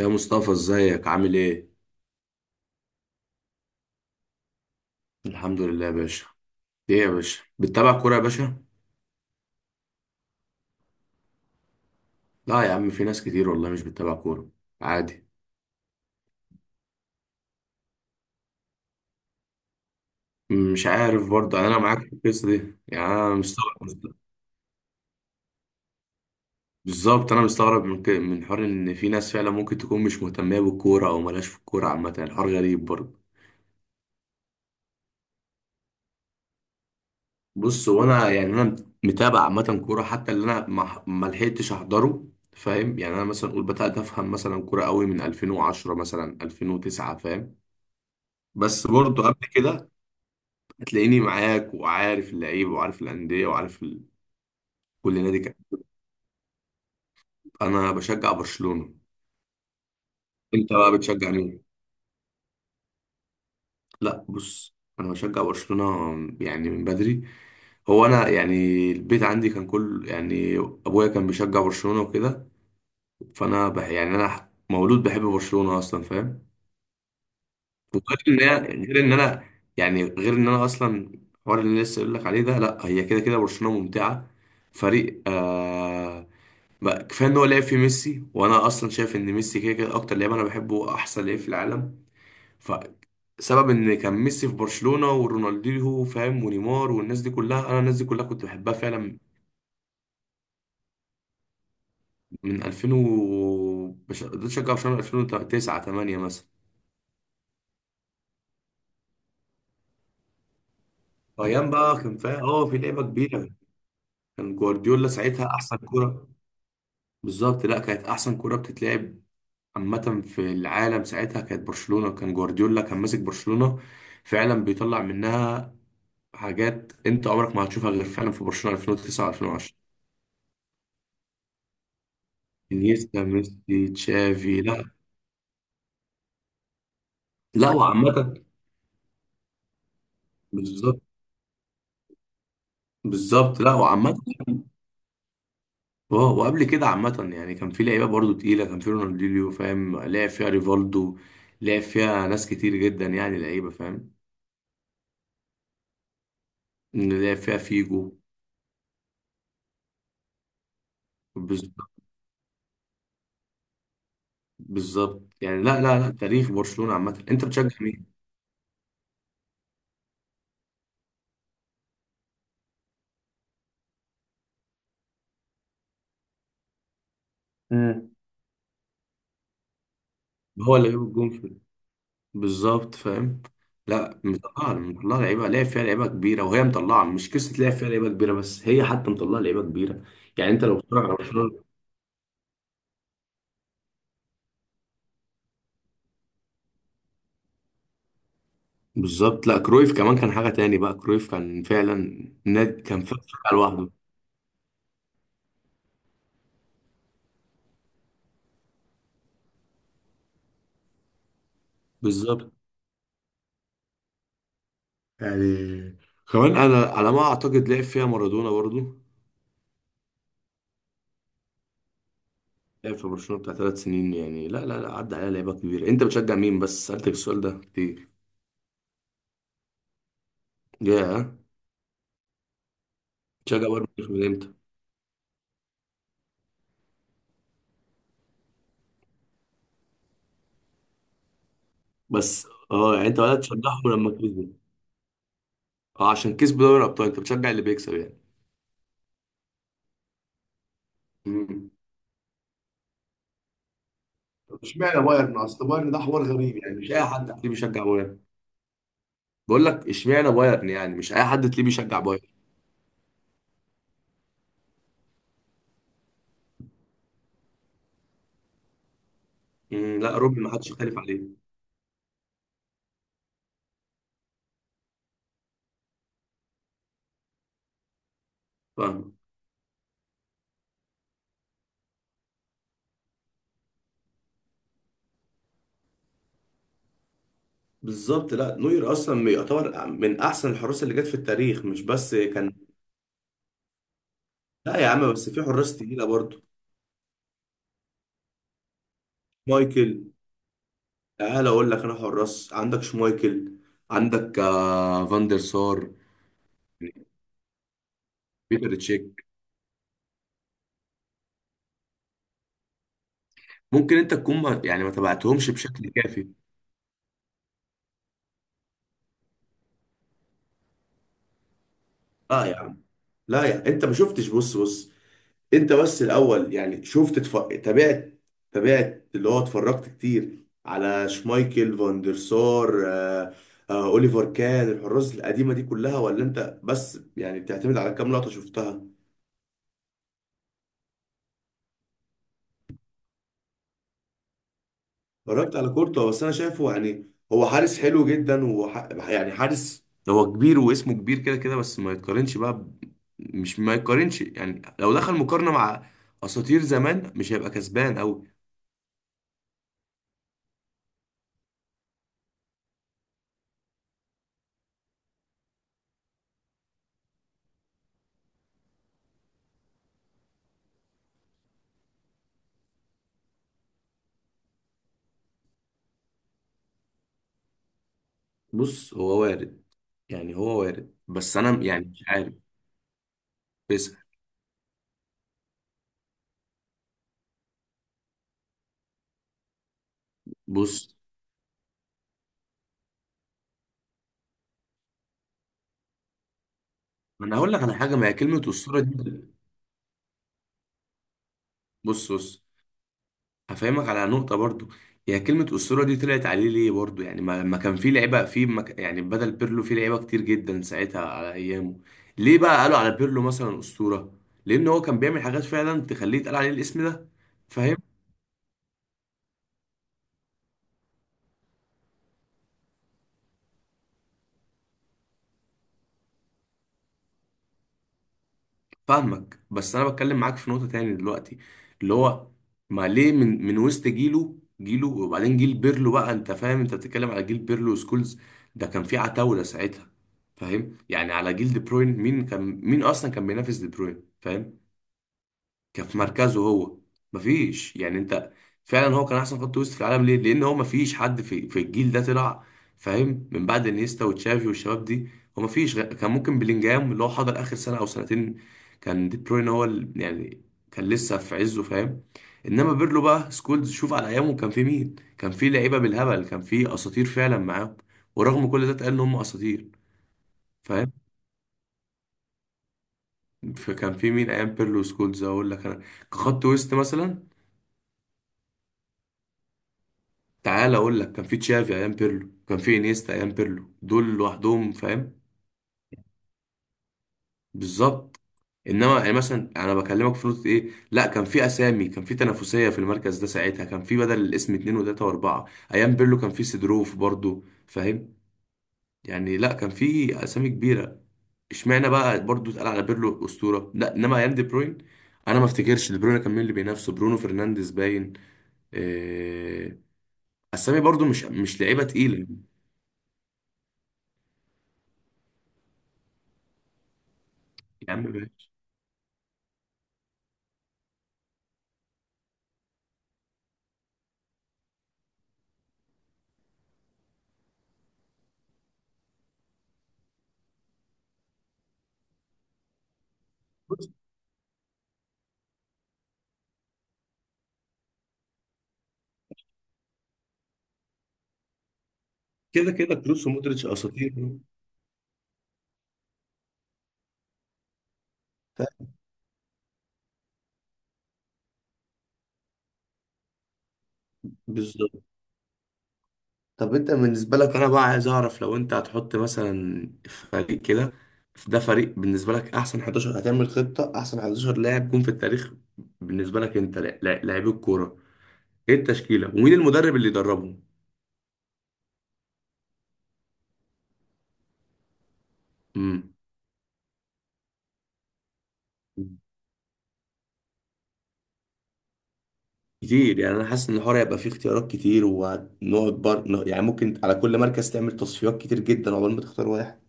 يا مصطفى ازيك عامل ايه؟ الحمد لله يا باشا. ايه يا باشا بتتابع كورة يا باشا؟ لا يا عم، في ناس كتير والله مش بتتابع كورة، عادي. مش عارف برضه، يعني انا معاك في القصة دي، يعني انا مستغرب. بالظبط انا مستغرب من من حوار ان في ناس فعلا ممكن تكون مش مهتمة بالكورة او مالهاش في الكورة عامة، يعني الحوار غريب برضه. بص، هو انا يعني انا متابع عامة كورة، حتى اللي انا ما لحقتش احضره. فاهم؟ يعني انا مثلا اقول بدات افهم مثلا كورة قوي من 2010 مثلا 2009، فاهم؟ بس برضه قبل كده هتلاقيني معاك وعارف اللعيبه وعارف الانديه وعارف كل نادي كده. انا بشجع برشلونه. انت بقى بتشجع مين؟ لا بص، انا بشجع برشلونه، يعني من بدري. هو انا يعني البيت عندي كان كل يعني ابويا كان بيشجع برشلونه وكده، فانا يعني انا مولود بحب برشلونه اصلا، فاهم؟ وغير ان غير ان انا يعني غير ان انا اصلا الحوار اللي لسه اقول لك عليه ده. لا، هي كده كده برشلونه ممتعه، فريق آه. كفايه ان هو لعب في ميسي، وانا اصلا شايف ان ميسي كده كده اكتر لعيب انا بحبه، احسن لعيب في العالم. فسبب ان كان ميسي في برشلونه ورونالدينيو، فاهم؟ ونيمار والناس دي كلها، انا الناس دي كلها كنت بحبها فعلا. من 2000 و بدأت اشجع برشلونه 2009 8 مثلا. ايام بقى كان فيها اه في لعبه كبيره. كان جوارديولا ساعتها احسن كوره. بالظبط، لا كانت احسن كوره بتتلعب عامه في العالم ساعتها. كانت برشلونه، كان جوارديولا كان ماسك برشلونه فعلا، بيطلع منها حاجات انت عمرك ما هتشوفها غير فعلا في برشلونة 2009 2010. انيستا ميسي تشافي، لا. لا وعامة. بالظبط. بالظبط لا وعامة. اه، وقبل كده عامة يعني كان في لعيبة برضو تقيلة، كان في رونالدينيو، فاهم؟ لعب فيها ريفالدو، لعب فيها ناس كتير جدا، يعني لعيبة فاهم. لعب فيها فيجو. بالظبط. بالظبط يعني، لا لا لا، تاريخ برشلونة عامة. انت بتشجع مين؟ مم. هو اللي جاب الجون. بالظبط فاهم. لا مطلعه، مطلعه لعيبه، لعب فيها لعيبه كبيره وهي مطلعه، مش قصه لعب فيها لعيبه كبيره بس، هي حتى مطلعه لعيبه كبيره. يعني انت لو بتتفرج على برشلونه بالظبط. لا كرويف كمان كان حاجه تاني بقى، كرويف كان فعلا نادي، كان فرقه لوحده. بالظبط يعني. كمان انا على ما اعتقد لعب فيها مارادونا برضو. لعب في برشلونه بتاع ثلاث سنين، يعني لا لا لا عدى عليها لعيبه كبيره. انت بتشجع مين؟ بس سالتك السؤال ده كتير. يا، بتشجع بايرن ميونخ من امتى؟ بس اه، يعني انت بدات تشجعهم لما كسبوا؟ اه عشان كسبوا دوري الابطال، انت بتشجع اللي بيكسب يعني؟ مم. طب اشمعنى بايرن؟ اصل بايرن ده حوار غريب، يعني مش اي حد تلاقيه بيشجع بايرن. بقول لك اشمعنى بايرن، يعني مش اي حد تلاقيه بيشجع بايرن. مم، لا روبن ما حدش يختلف عليه. فاهم. بالظبط، لا نوير اصلا يعتبر من احسن الحراس اللي جت في التاريخ، مش بس كان. لا يا عم بس في حراس تقيله برضه. مايكل، تعال اقول لك انا حراس، عندك شمايكل، عندك آه فاندر سار، بيتر تشيك. ممكن انت تكون ما يعني ما تبعتهمش بشكل كافي. لا يا عم. لا يعني انت ما شفتش، بص بص. انت بس الاول يعني شفت تابعت، تابعت اللي هو، اتفرجت كتير على شمايكل فان دير سار اوليفر كان، الحراس القديمه دي كلها؟ ولا انت بس يعني بتعتمد على كام لقطه شفتها؟ اتفرجت على كورتوا، بس انا شايفه يعني هو حارس حلو جدا، يعني حارس، هو كبير واسمه كبير كده كده، بس ما يتقارنش بقى مش ما يتقارنش، يعني لو دخل مقارنه مع اساطير زمان مش هيبقى كسبان او. بص هو وارد. يعني هو وارد، بس انا يعني مش عارف. بس بص، انا هقول لك على حاجه، ما هي كلمه اسطوره دي بص بص، هفهمك على نقطه برضو. هي كلمه اسطوره دي طلعت عليه ليه برضو؟ يعني ما كان في لعيبه في يعني بدل بيرلو في لعيبه كتير جدا ساعتها على ايامه. ليه بقى قالوا على بيرلو مثلا اسطوره؟ لان هو كان بيعمل حاجات فعلا تخليه يتقال عليه الاسم ده. فاهمك، بس انا بتكلم معاك في نقطة تاني دلوقتي اللي هو، ما ليه من وسط جيله جيله. وبعدين جيل بيرلو بقى، انت فاهم انت بتتكلم على جيل بيرلو سكولز، ده كان في عتاولة ساعتها. فاهم؟ يعني على جيل دي بروين، مين كان، مين اصلا كان بينافس دي بروين؟ فاهم؟ كان في مركزه هو؟ مفيش. يعني انت فعلا هو كان احسن خط وسط في العالم، ليه؟ لان هو مفيش حد في الجيل ده طلع، فاهم؟ من بعد انيستا وتشافي والشباب دي. هو مفيش كان ممكن بلينجهام اللي هو حضر اخر سنه او سنتين، كان دي بروين هو يعني كان لسه في عزه، فاهم؟ انما بيرلو بقى، سكولز، شوف على ايامه كان في مين، كان في لعيبه بالهبل، كان في اساطير فعلا معاهم. ورغم كل ده اتقال ان هم اساطير. فاهم؟ فكان في مين ايام بيرلو سكولز؟ اقول لك انا، كخط وسط مثلا، تعال اقول لك كان في تشافي ايام بيرلو، كان في انيستا ايام بيرلو، دول لوحدهم فاهم. بالظبط. انما يعني مثلا انا بكلمك في نقطه ايه، لا كان في اسامي، كان في تنافسيه في المركز ده ساعتها، كان في بدل الاسم اتنين وتلاته واربعه. ايام بيرلو كان في سيدروف برضو، فاهم؟ يعني لا كان في اسامي كبيره. اشمعنى بقى برضو اتقال على بيرلو اسطوره؟ لا انما ايام دي بروين، انا ما افتكرش دي بروين كان مين اللي بينافسه. برونو فرنانديز باين إيه... اسامي برضو مش مش لعيبه تقيله. يا عم باشا. كده كده كروس ومودريتش اساطير. فاهم؟ بالظبط. طب انت بالنسبه لك انا بقى عايز اعرف، لو انت هتحط مثلا فريق كده، ده فريق بالنسبه لك، احسن 11 هتعمل خطه، احسن 11 لاعب جم في التاريخ بالنسبه لك انت، لاعبي الكوره، ايه التشكيله ومين المدرب اللي يدربهم؟ امم كتير، يعني انا حاسس ان الحوار هيبقى فيه اختيارات كتير ونقعد يعني ممكن على كل مركز تعمل تصفيات كتير جدا عقبال ما تختار واحد.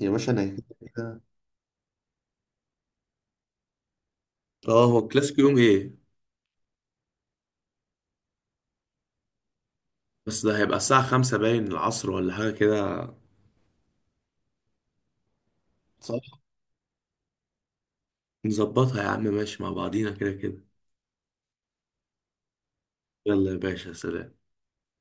يا باشا انا كده كده. اه هو الكلاسيكو يوم ايه؟ بس ده هيبقى الساعة خمسة باين العصر ولا حاجة كده؟ صح. نظبطها يا عم، ماشي مع بعضينا كده كده. يلا يا باشا سلام.